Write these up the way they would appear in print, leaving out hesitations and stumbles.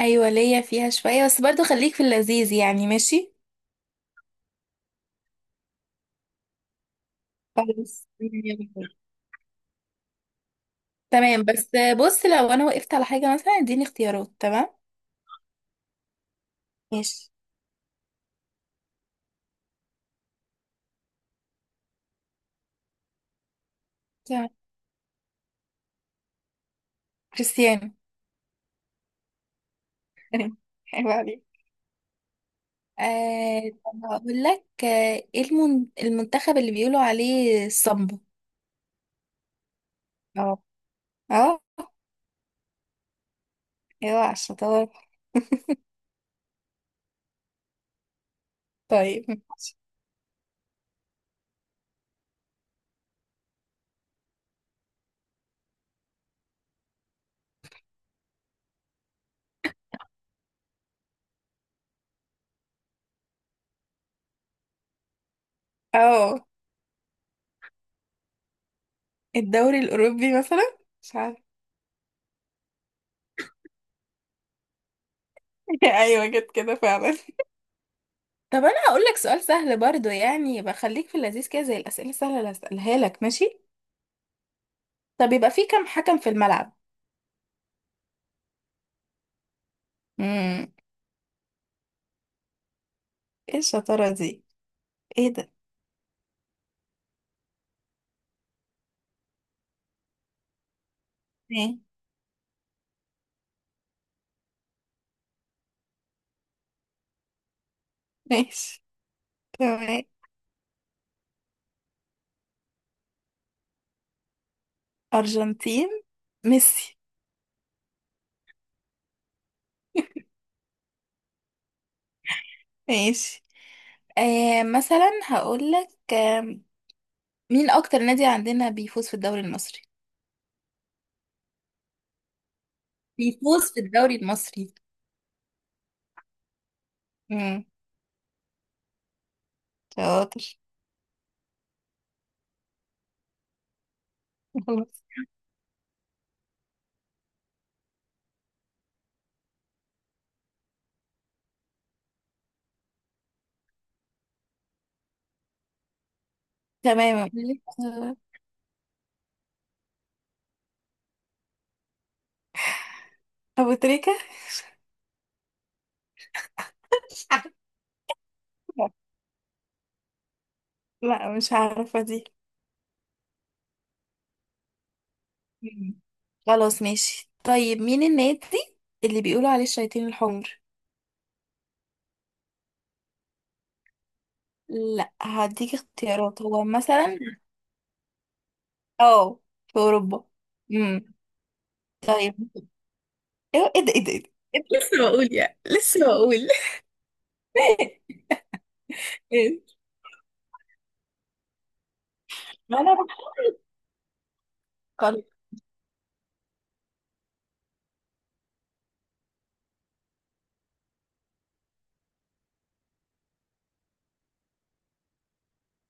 ايوه، ليا فيها شويه. بس برضو خليك في اللذيذ يعني. ماشي. خلاص. 100%. تمام بس. بص، لو انا وقفت على حاجه مثلا اديني اختيارات. تمام. ماشي. تمام. كريستيانو. حلو عليك. طب هقول لك، ايه المنتخب اللي بيقولوا عليه الصمبا؟ اه. اه. ايوه، على الشطار. طيب. اه الدوري الاوروبي مثلا، مش عارفة. ايوه، جت كده فعلا. طب انا هقول لك سؤال سهل برضو يعني، يبقى خليك في اللذيذ كده زي الاسئله السهله اللي هسالها لك، ماشي؟ طب يبقى في كام حكم في الملعب؟ امم ايه الشطاره دي! ايه ده! ماشي. ماشي. تمام. ارجنتين. ميسي. ماشي. مثلا هقول لك، مين اكتر نادي عندنا بيفوز في الدوري المصري؟ بيفوز في الدوري المصري. امم. شاطر. خلاص. تمام. آه، ابو تريكه. لا، مش عارفة دي. مم. خلاص. ماشي. طيب، مين النادي اللي بيقولوا عليه الشياطين الحمر؟ لا، هديك اختيارات هو مثلا. اه. في اوروبا. امم طيب. ايه ايه ده ايه ده إيه ده؟ إيه ده؟ لسه بقول يعني لسه بقول. إيه؟ ما انا بفكر.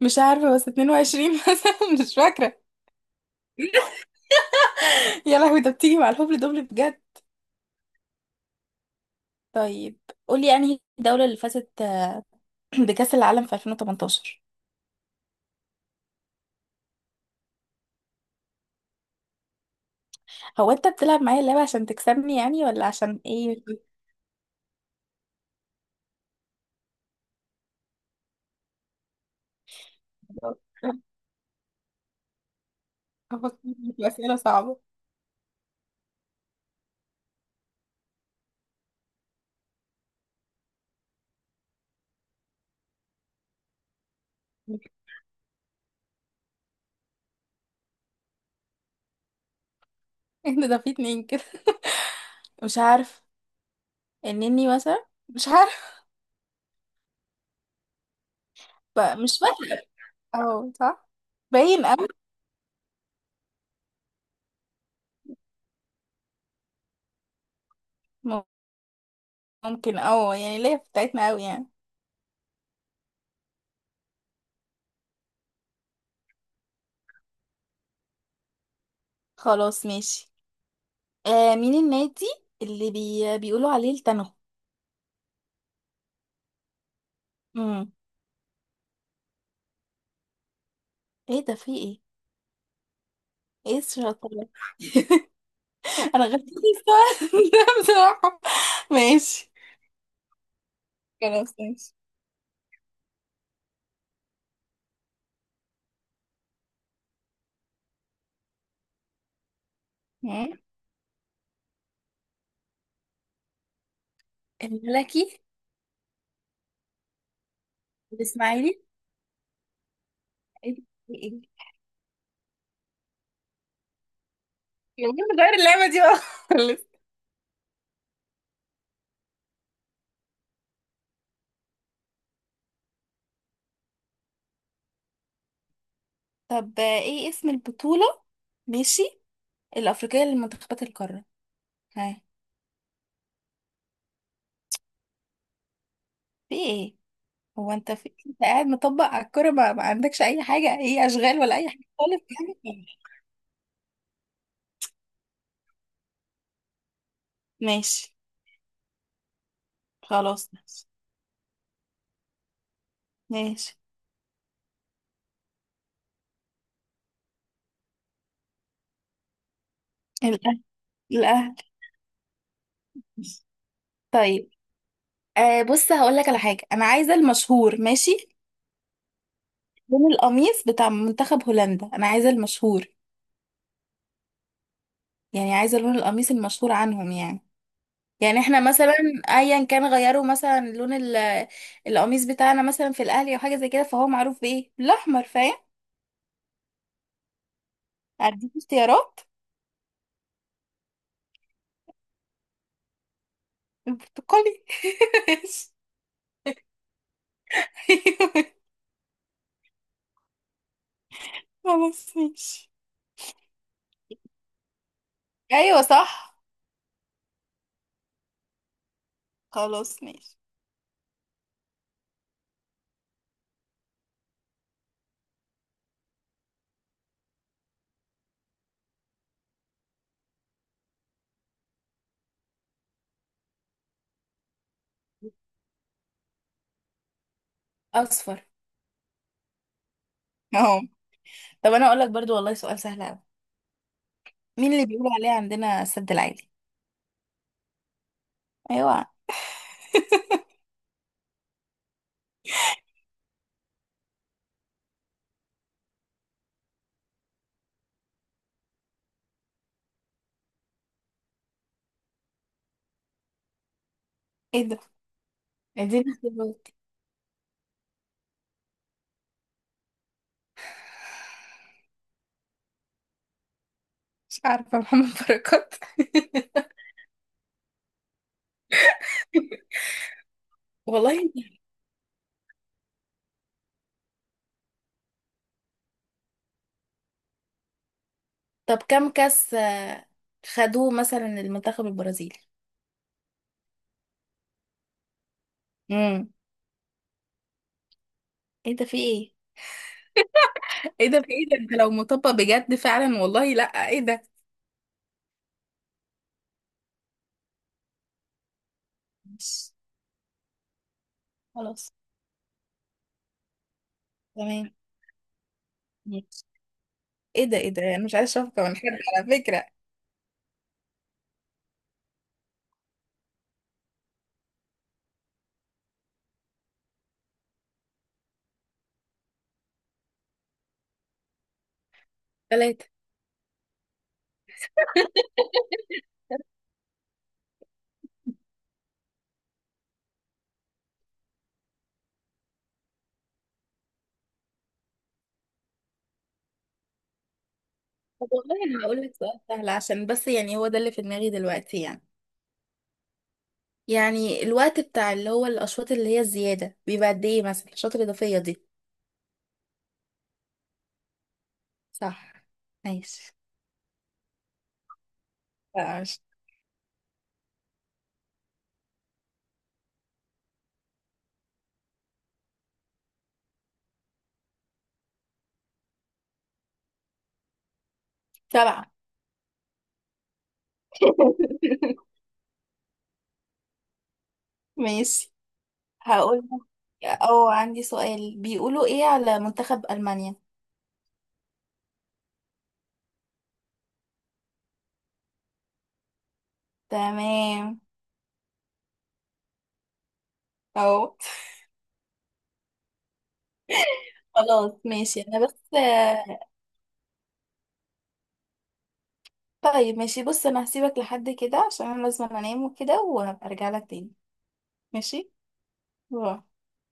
مش عارفه، بس 22 مثلا، مش فاكره. يا لهوي! ده بتيجي مع الهبل دبل بجد. طيب، قولي انهي الدوله اللي فازت بكاس العالم في 2018؟ هو انت بتلعب معايا اللعبه عشان تكسبني يعني، ولا عشان ايه؟ أفكر في أسئلة صعبة. إيه ده في 2 كده. مش عارف. النني مثلا، مش عارف. بقى مش فاكرة. اه، صح. باين أوي. م- ممكن يعني، ليا في بتاعتنا أوي يعني. خلاص. ماشي. مين النادي اللي بيقولوا عليه التنغ؟ امم ايه ده! في ايه؟ ايه الشطارة! انا غلطت السؤال ده بصراحة. ماشي. خلاص. ماشي. مم. الملكي. الاسماعيلي. ايه ده؟ في إيه؟ يعني نغير اللعبة دي بقى خالص. طب ايه اسم البطولة. ماشي. الأفريقية لمنتخبات القارة. ها؟ في ايه؟ هو انت في ايه؟ انت قاعد مطبق على الكرة، ما عندكش اي حاجة، اي اشغال، ولا اي حاجة خالص. يعني. ماشي. خلاص. ماشي. ماشي. الاهلي. الاهلي. طيب. بص، هقول لك على حاجة. انا عايزة المشهور. ماشي؟ لون القميص بتاع منتخب هولندا. انا عايزة المشهور. يعني عايزة لون القميص المشهور عنهم يعني. يعني احنا مثلا، ايا كان غيروا مثلا لون القميص بتاعنا مثلا في الاهلي او حاجه زي كده. فهو معروف بايه؟ بالاحمر. فاهم؟ هديك اختيارات. البرتقالي! ماشي. أيوة. خلاص. ماشي. ايوه صح. خلاص. ماشي. اصفر. اهو. طب انا اقول لك برضو والله سؤال سهل قوي. مين اللي بيقولوا عليه عندنا السد العالي؟ ايوه. ايه ده! اديني اختيارات. مش عارفة. محمد بركات؟ والله! طب كم كاس خدوه مثلا المنتخب البرازيلي؟ امم. ايه ده! في ايه؟ ايه ده! في ايه ده! انت لو مطبق بجد فعلا والله، لا. ايه ده! ماشي. خلاص. تمام. ماشي. ايه ده! ايه ده! انا مش عايز شفقة من حد، على فكرة. 3. طب والله انا هقول لك سؤال سهل، عشان بس يعني هو ده اللي في دماغي دلوقتي يعني. يعني الوقت بتاع اللي هو الاشواط اللي هي الزيادة، بيبقى قد ايه مثلا الاشواط الاضافية دي؟ صح. ماشي. لا، مش. 7. ماشي. هقول لك او عندي سؤال. بيقولوا ايه على منتخب المانيا؟ تمام. اهو. خلاص. ماشي. انا بس. طيب ماشي. بص، انا هسيبك لحد كده عشان انا لازم انام وكده، وهبقى ارجع لك تاني. ماشي. باي.